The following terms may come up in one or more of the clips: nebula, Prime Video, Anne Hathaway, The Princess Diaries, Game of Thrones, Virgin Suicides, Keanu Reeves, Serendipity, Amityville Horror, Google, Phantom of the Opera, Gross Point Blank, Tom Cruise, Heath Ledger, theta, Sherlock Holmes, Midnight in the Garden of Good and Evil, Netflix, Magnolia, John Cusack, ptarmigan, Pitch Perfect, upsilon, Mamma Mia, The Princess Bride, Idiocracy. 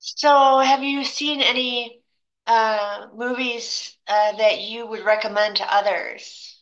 So, have you seen any movies that you would recommend to others?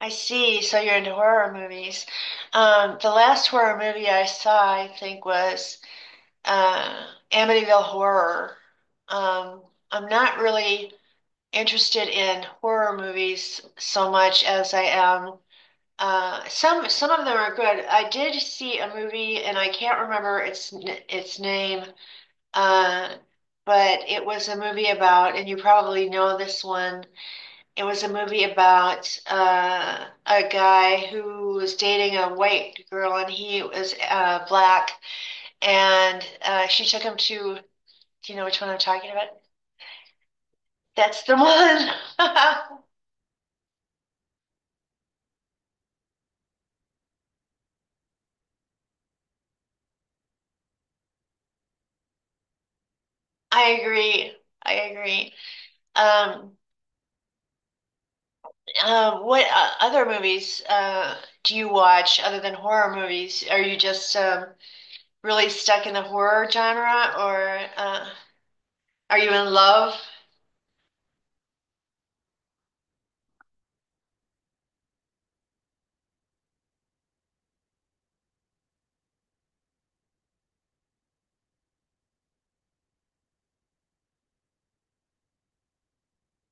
I see. So you're into horror movies. The last horror movie I saw, I think, was uh, Amityville Horror. Um, I'm not really interested in horror movies so much as I am. Some of them are good. I did see a movie, and I can't remember its name. Uh, but it was a movie about, and you probably know this one. It was a movie about a guy who was dating a white girl, and he was black, and she took him to. Do you know which one I'm talking about? That's the one. I agree. I agree. Um, what other movies do you watch other than horror movies? Are you just really stuck in the horror genre, or are you in love?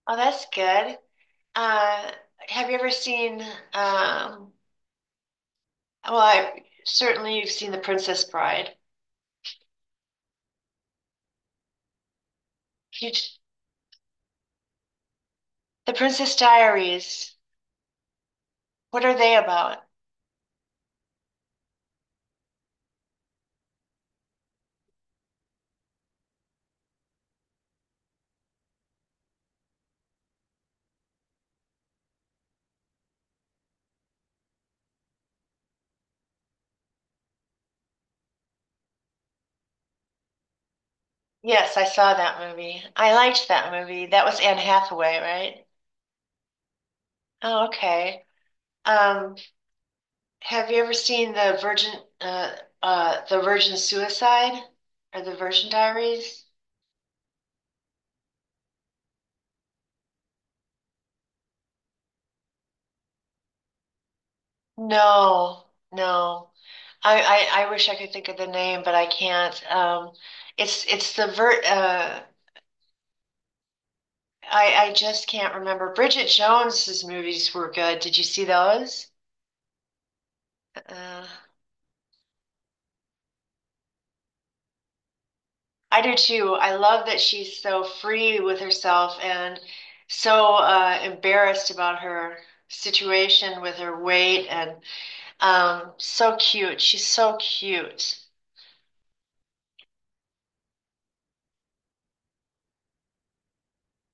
Oh, that's good. Uh, have you ever seen? Um, well, certainly you've seen The Princess Bride. You, The Princess Diaries. What are they about? Yes, I saw that movie. I liked that movie. That was Anne Hathaway, right? Oh, okay. Um, have you ever seen uh, the Virgin Suicide or the Virgin Diaries? No, no. I wish I could think of the name, but I can't. It's the vert. I just can't remember. Bridget Jones's movies were good. Did you see those? Uh, I do too. I love that she's so free with herself and so embarrassed about her situation with her weight and so cute. She's so cute.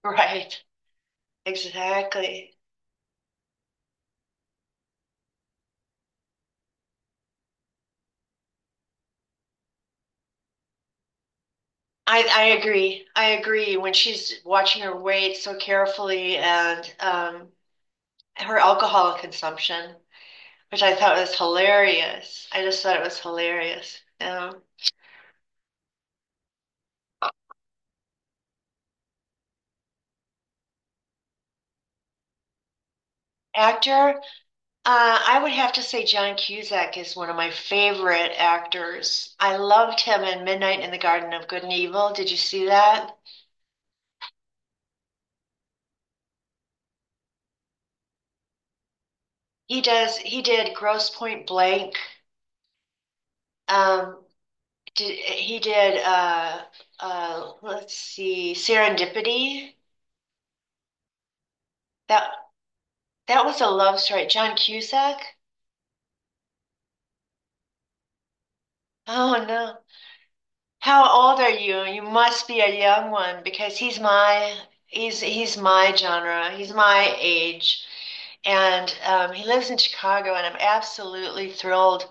Right. Exactly. I agree. I agree. When she's watching her weight so carefully and her alcohol consumption, which I thought was hilarious. I just thought it was hilarious. Actor, I would have to say John Cusack is one of my favorite actors. I loved him in Midnight in the Garden of Good and Evil. Did you see that? He does. He did Gross Point Blank. Um, he did. Let's see, Serendipity. That that was a love story. John Cusack? Oh no. How old are you? You must be a young one because he's my genre. He's my age. And he lives in Chicago, and I'm absolutely thrilled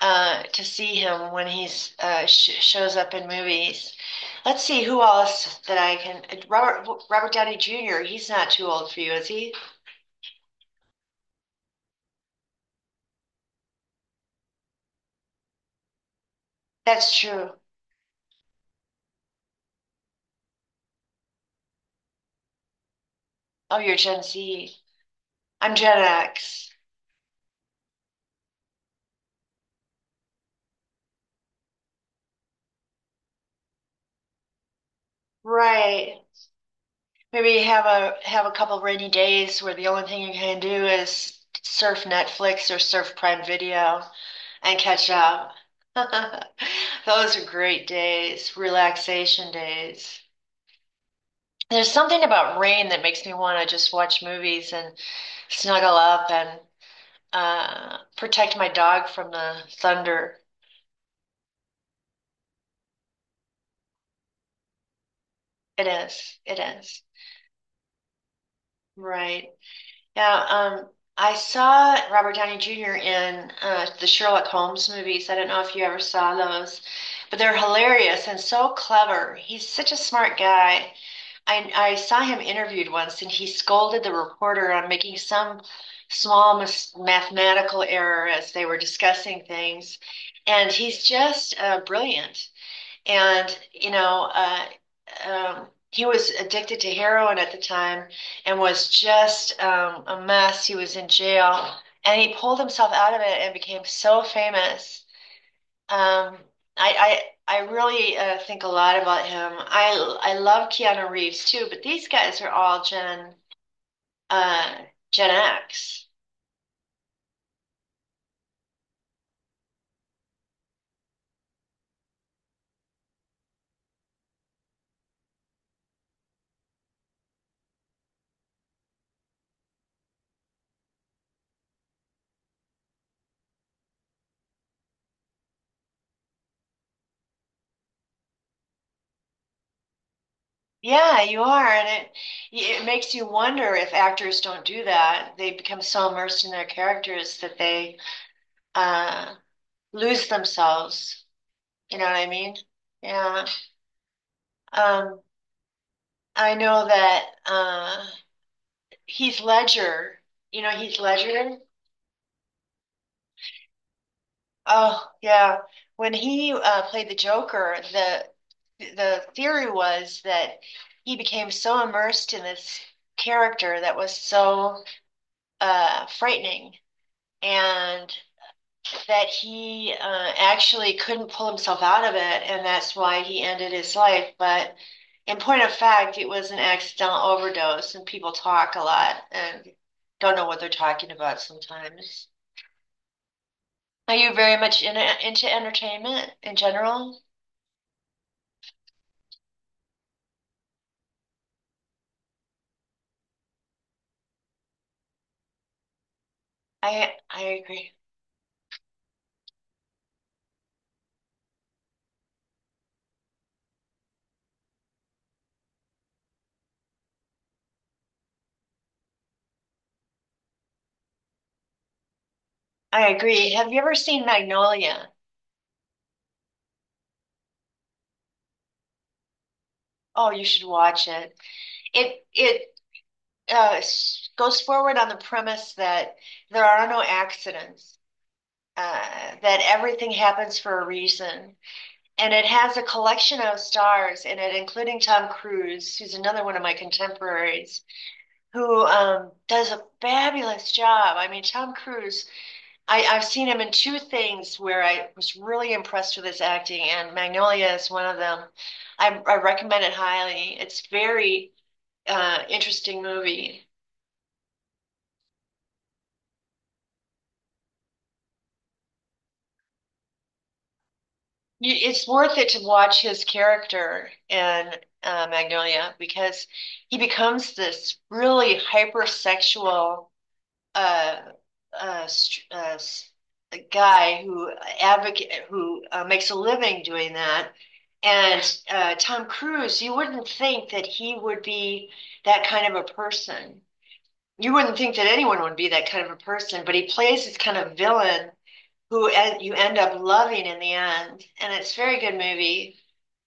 to see him when he sh shows up in movies. Let's see who else that I can. Robert Downey Jr. He's not too old for you, is he? That's true. Oh, you're Gen Z. I'm Gen X. Right. Maybe have a couple of rainy days where the only thing you can do is surf Netflix or surf Prime Video and catch up. Those are great days, relaxation days. There's something about rain that makes me want to just watch movies and snuggle up and protect my dog from the thunder. It is, it is. Right. Yeah, I saw Robert Downey Jr. in the Sherlock Holmes movies. I don't know if you ever saw those, but they're hilarious and so clever. He's such a smart guy. I saw him interviewed once, and he scolded the reporter on making some small mis mathematical error as they were discussing things. And he's just brilliant. And, you know, he was addicted to heroin at the time and was just a mess. He was in jail and he pulled himself out of it and became so famous. Um, I, I really think a lot about him. I love Keanu Reeves too, but these guys are all uh, Gen X. Yeah, you are, and it makes you wonder if actors don't do that. They become so immersed in their characters that they uh lose themselves. You know what I mean? Yeah. Um, I know that Heath Ledger, you know Heath Ledger? Oh, yeah. When he played the Joker, the theory was that he became so immersed in this character that was so frightening and that he actually couldn't pull himself out of it, and that's why he ended his life. But in point of fact, it was an accidental overdose, and people talk a lot and don't know what they're talking about sometimes. Are you very much in, Into entertainment in general? I agree. I agree. Have you ever seen Magnolia? Oh, you should watch it. It goes forward on the premise that there are no accidents. uh, that everything happens for a reason. And it has a collection of stars in it, including Tom Cruise, who's another one of my contemporaries, who does a fabulous job. I mean, Tom Cruise, I've seen him in two things where I was really impressed with his acting, and Magnolia is one of them. I recommend it highly. It's very interesting movie. It's worth it to watch his character in Magnolia because he becomes this really hypersexual uh, uh, st- uh, s- guy who advocate who makes a living doing that. And Tom Cruise, you wouldn't think that he would be that kind of a person. You wouldn't think that anyone would be that kind of a person, but he plays this kind of villain who you end up loving in the end. And it's a very good movie.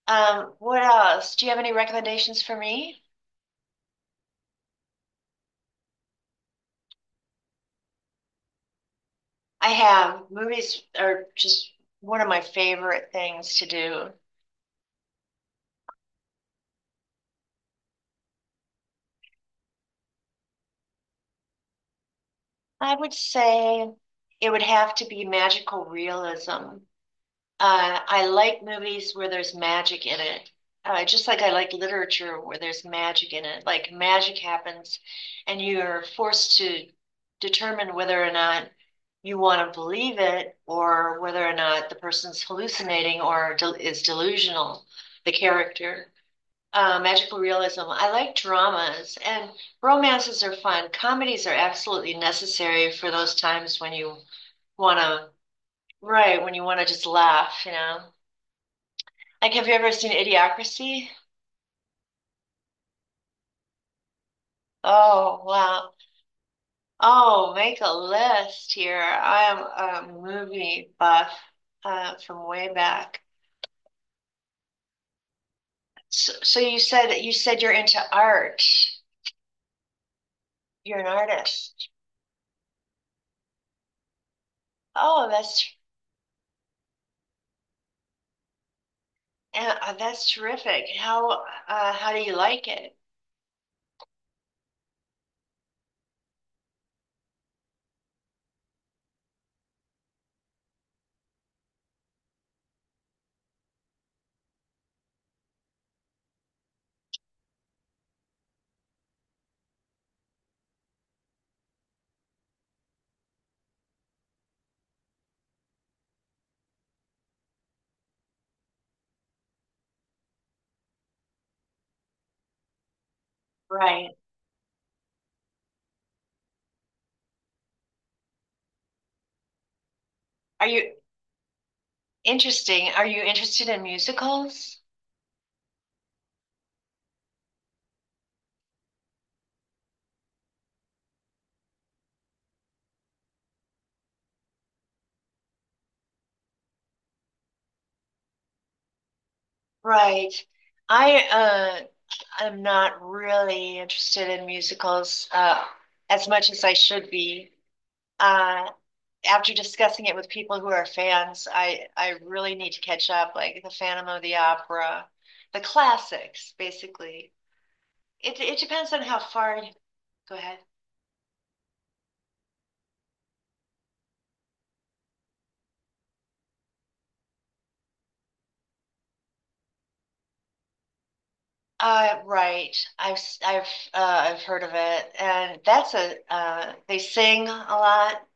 What else? Do you have any recommendations for me? I have. Movies are just one of my favorite things to do. I would say it would have to be magical realism. I like movies where there's magic in it. Just like I like literature where there's magic in it. Like magic happens and you're forced to determine whether or not you want to believe it or whether or not the person's hallucinating or delusional, the character. Magical realism. I like dramas and romances are fun. Comedies are absolutely necessary for those times when you want to, right, when you want to just laugh, you know. Like, have you ever seen Idiocracy? Oh, wow. Oh, make a list here. I am a movie buff from way back. So, you said you're into art. You're an artist. Oh, that's terrific. How do you like it? Right. Are you interesting? Are you interested in musicals? Right. I uh, I'm not really interested in musicals as much as I should be. Uh, After discussing it with people who are fans, I really need to catch up, like the Phantom of the Opera, the classics, basically. It depends on how far. Go ahead. Right. I've I I've heard of it, and that's a they sing a lot.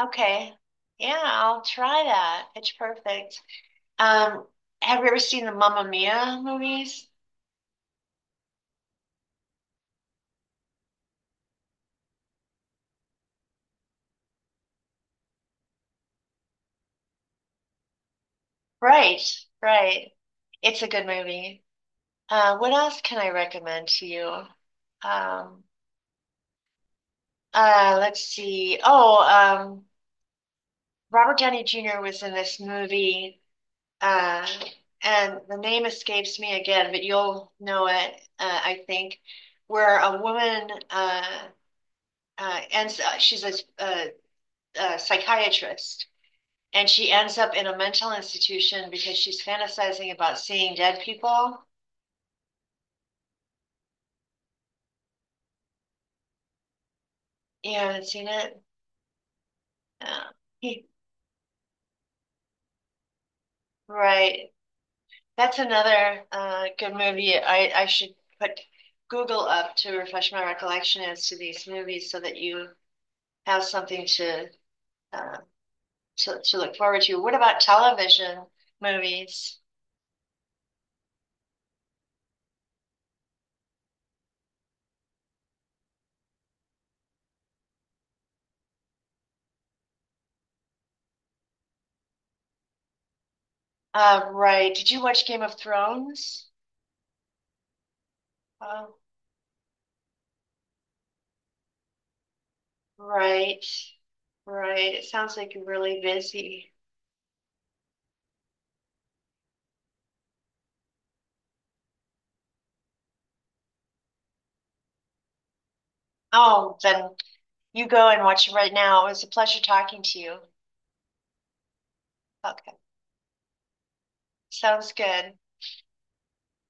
Okay. Yeah, I'll try that. Pitch Perfect. Um, have you ever seen the Mamma Mia movies? Right, right. It's a good movie. What else can I recommend to you? Um, let's see. Oh, Robert Downey Jr. was in this movie, uh, and the name escapes me again, but you'll know it, I think, where a woman she's a, a psychiatrist. And she ends up in a mental institution because she's fantasizing about seeing dead people. You haven't seen it? Yeah. Right. That's another good movie. I should put Google up to refresh my recollection as to these movies so that you have something to uh, to look forward to. What about television movies? Right. Did you watch Game of Thrones? Oh, right. Right. It sounds like you're really busy. Oh, then you go and watch it right now. It was a pleasure talking to you. Okay, sounds good.